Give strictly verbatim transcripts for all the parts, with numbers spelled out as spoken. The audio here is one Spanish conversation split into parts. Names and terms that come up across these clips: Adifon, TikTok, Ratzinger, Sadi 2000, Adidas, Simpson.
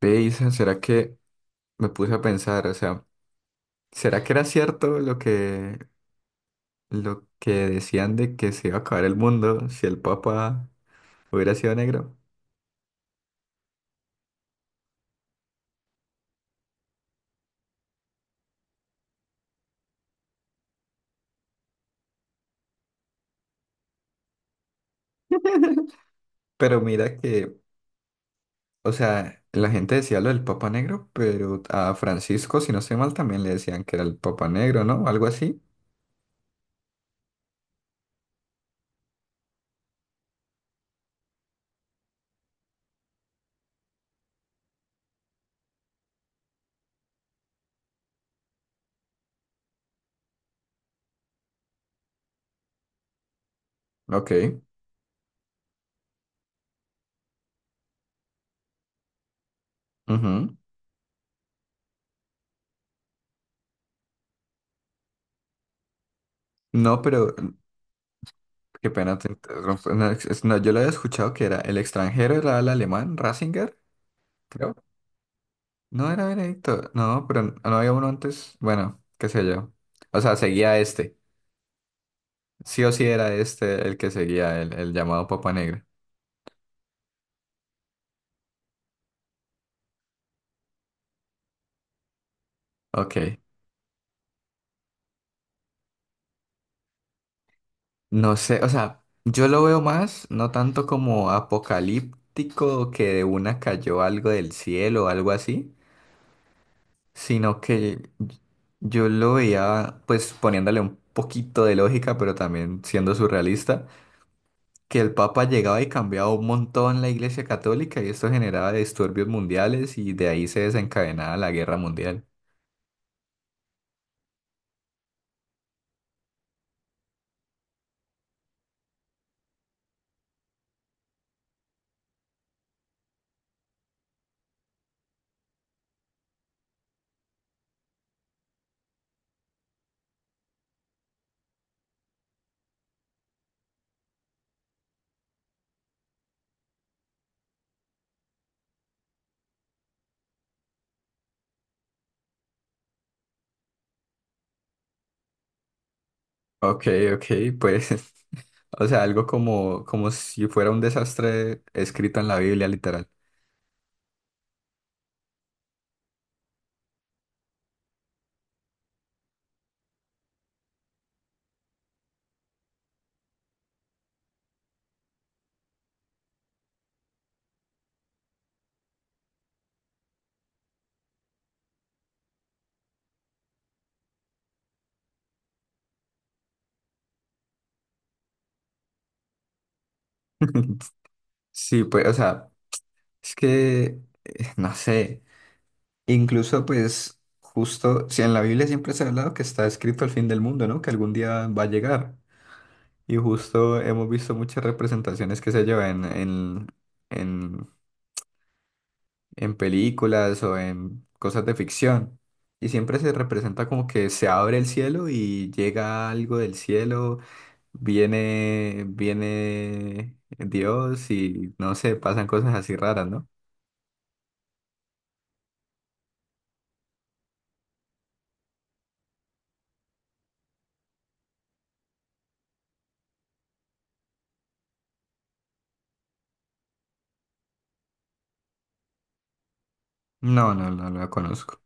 Ve, Isa, ¿será que me puse a pensar? O sea, ¿será que era cierto lo que, lo que decían de que se iba a acabar el mundo si el Papa hubiera sido negro? Pero mira que, o sea, la gente decía lo del Papa Negro, pero a Francisco, si no estoy mal, también le decían que era el Papa Negro, ¿no? Algo así. Ok, ujú. No, pero mm, qué pena te interrumpo. No, es- no, yo lo había escuchado que era el extranjero, era el alemán, Ratzinger. No era Veredicto. No, pero no había uno antes. Bueno, qué sé yo. O sea, seguía este. Sí o sí era este el que seguía, el, el llamado Papa Negra. Ok. No sé, o sea, yo lo veo más, no tanto como apocalíptico, que de una cayó algo del cielo o algo así, sino que yo lo veía pues poniéndole un poquito de lógica, pero también siendo surrealista, que el Papa llegaba y cambiaba un montón la Iglesia Católica y esto generaba disturbios mundiales y de ahí se desencadenaba la Guerra Mundial. Ok, ok, pues, o sea, algo como, como si fuera un desastre escrito en la Biblia, literal. Sí, pues, o sea, es que, eh, no sé, incluso pues, justo, si en la Biblia siempre se ha hablado que está escrito el fin del mundo, ¿no? Que algún día va a llegar. Y justo hemos visto muchas representaciones que se llevan en, en, en películas o en cosas de ficción. Y siempre se representa como que se abre el cielo y llega algo del cielo, viene, viene Dios y no sé, pasan cosas así raras, ¿no? No, no, no, la conozco.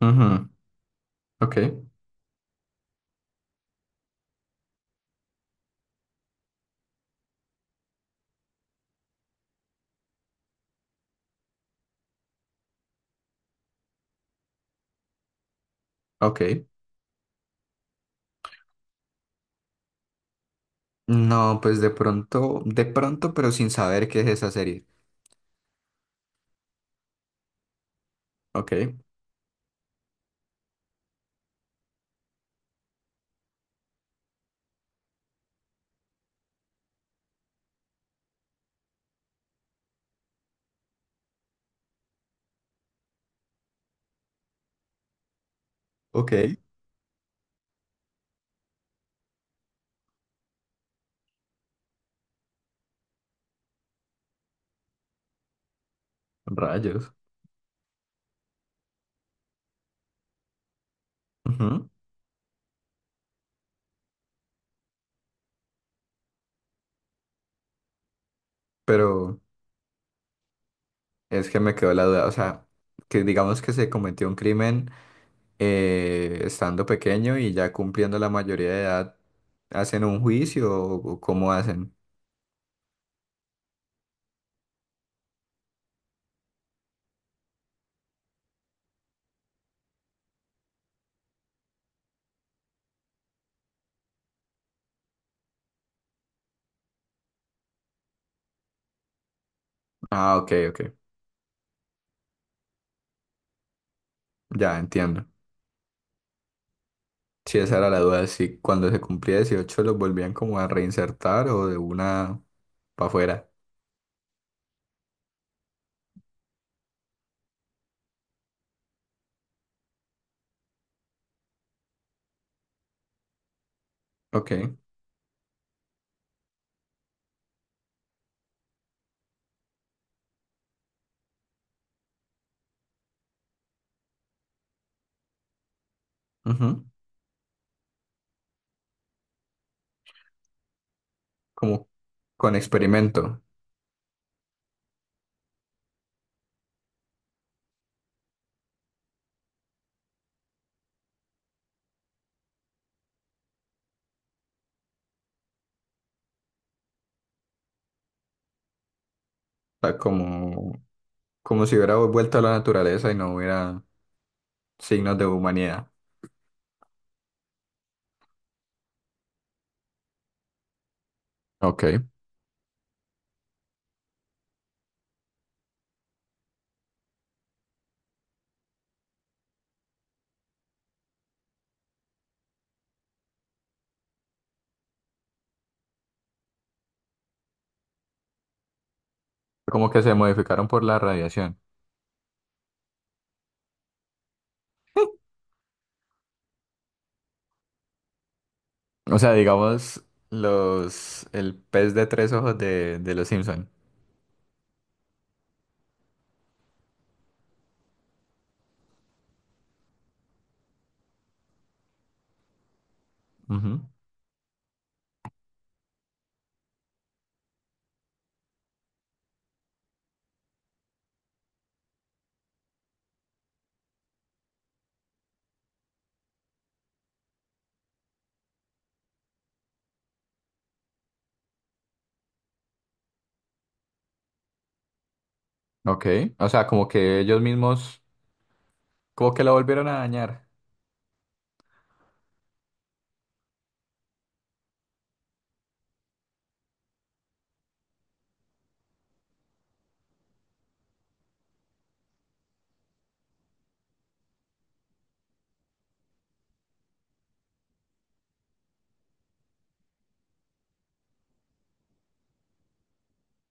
Ujú, ok, ok. No, pues de pronto, de pronto, pero sin saber qué es esa serie. Ok, ok. Rayos. Ujú. Pero es que me quedó la duda, o sea, que digamos que se cometió un crimen, eh, estando pequeño y ya cumpliendo la mayoría de edad, ¿hacen un juicio o, o cómo hacen? Ah, ok, ok, ya entiendo. Sí, esa era la duda, si cuando se cumplía dieciocho los volvían como a reinsertar o de una para afuera. Ok, ujú. Como con experimento, o sea, como, como si hubiera vuelto a la naturaleza y no hubiera signos de humanidad. Ok. Como que se modificaron por la radiación. O sea, digamos, los, el pez de tres ojos de, de los Simpson. Ujú. Ok. O sea, como que ellos mismos, como que lo volvieron a dañar.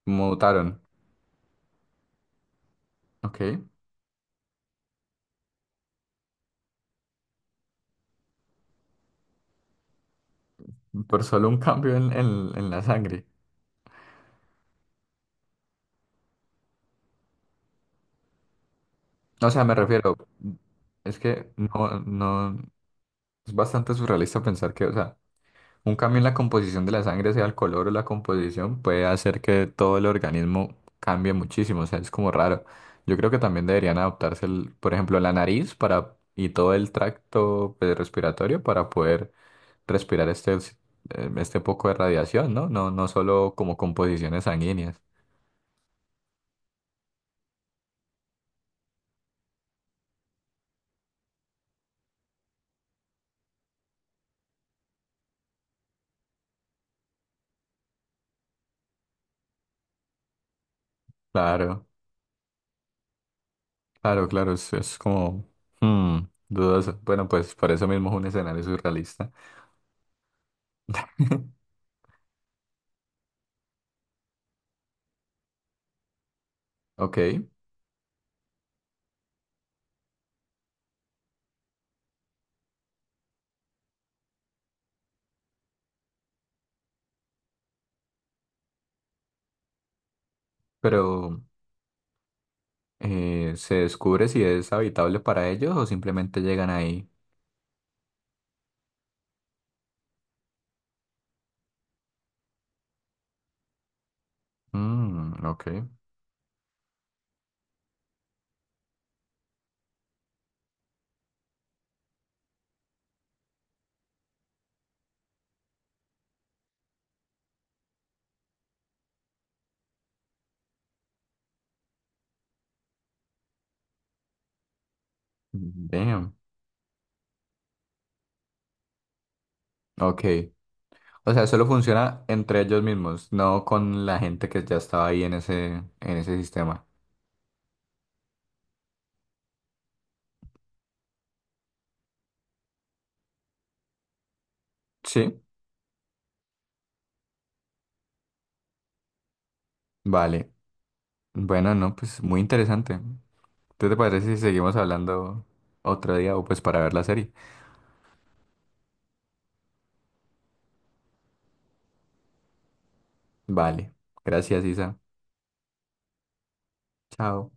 Mutaron. Ok. Por solo un cambio en, en, en la sangre. O sea, me refiero, es que no, no, es bastante surrealista pensar que, o sea, un cambio en la composición de la sangre, sea el color o la composición, puede hacer que todo el organismo cambie muchísimo, o sea, es como raro. Yo creo que también deberían adaptarse, el- por ejemplo, la nariz para, y todo el tracto pues, respiratorio para poder respirar este, ox- eh, este poco de radiación, ¿no? No, no solo como composiciones sanguíneas. Claro, claro, claro, es, es como hmm, dudoso. Bueno, pues por eso mismo es un escenario surrealista. Ok, pero... Eh, ¿se descubre si es habitable para ellos o simplemente llegan ahí? Mm, ok. Damn. Ok. O sea, solo funciona entre ellos mismos, no con la gente que ya estaba ahí en ese, en ese sistema. Sí, vale. Bueno, no, pues muy interesante. ¿Qué te parece si seguimos hablando otro día o pues para ver la serie? Vale. Gracias, Isa. Chao.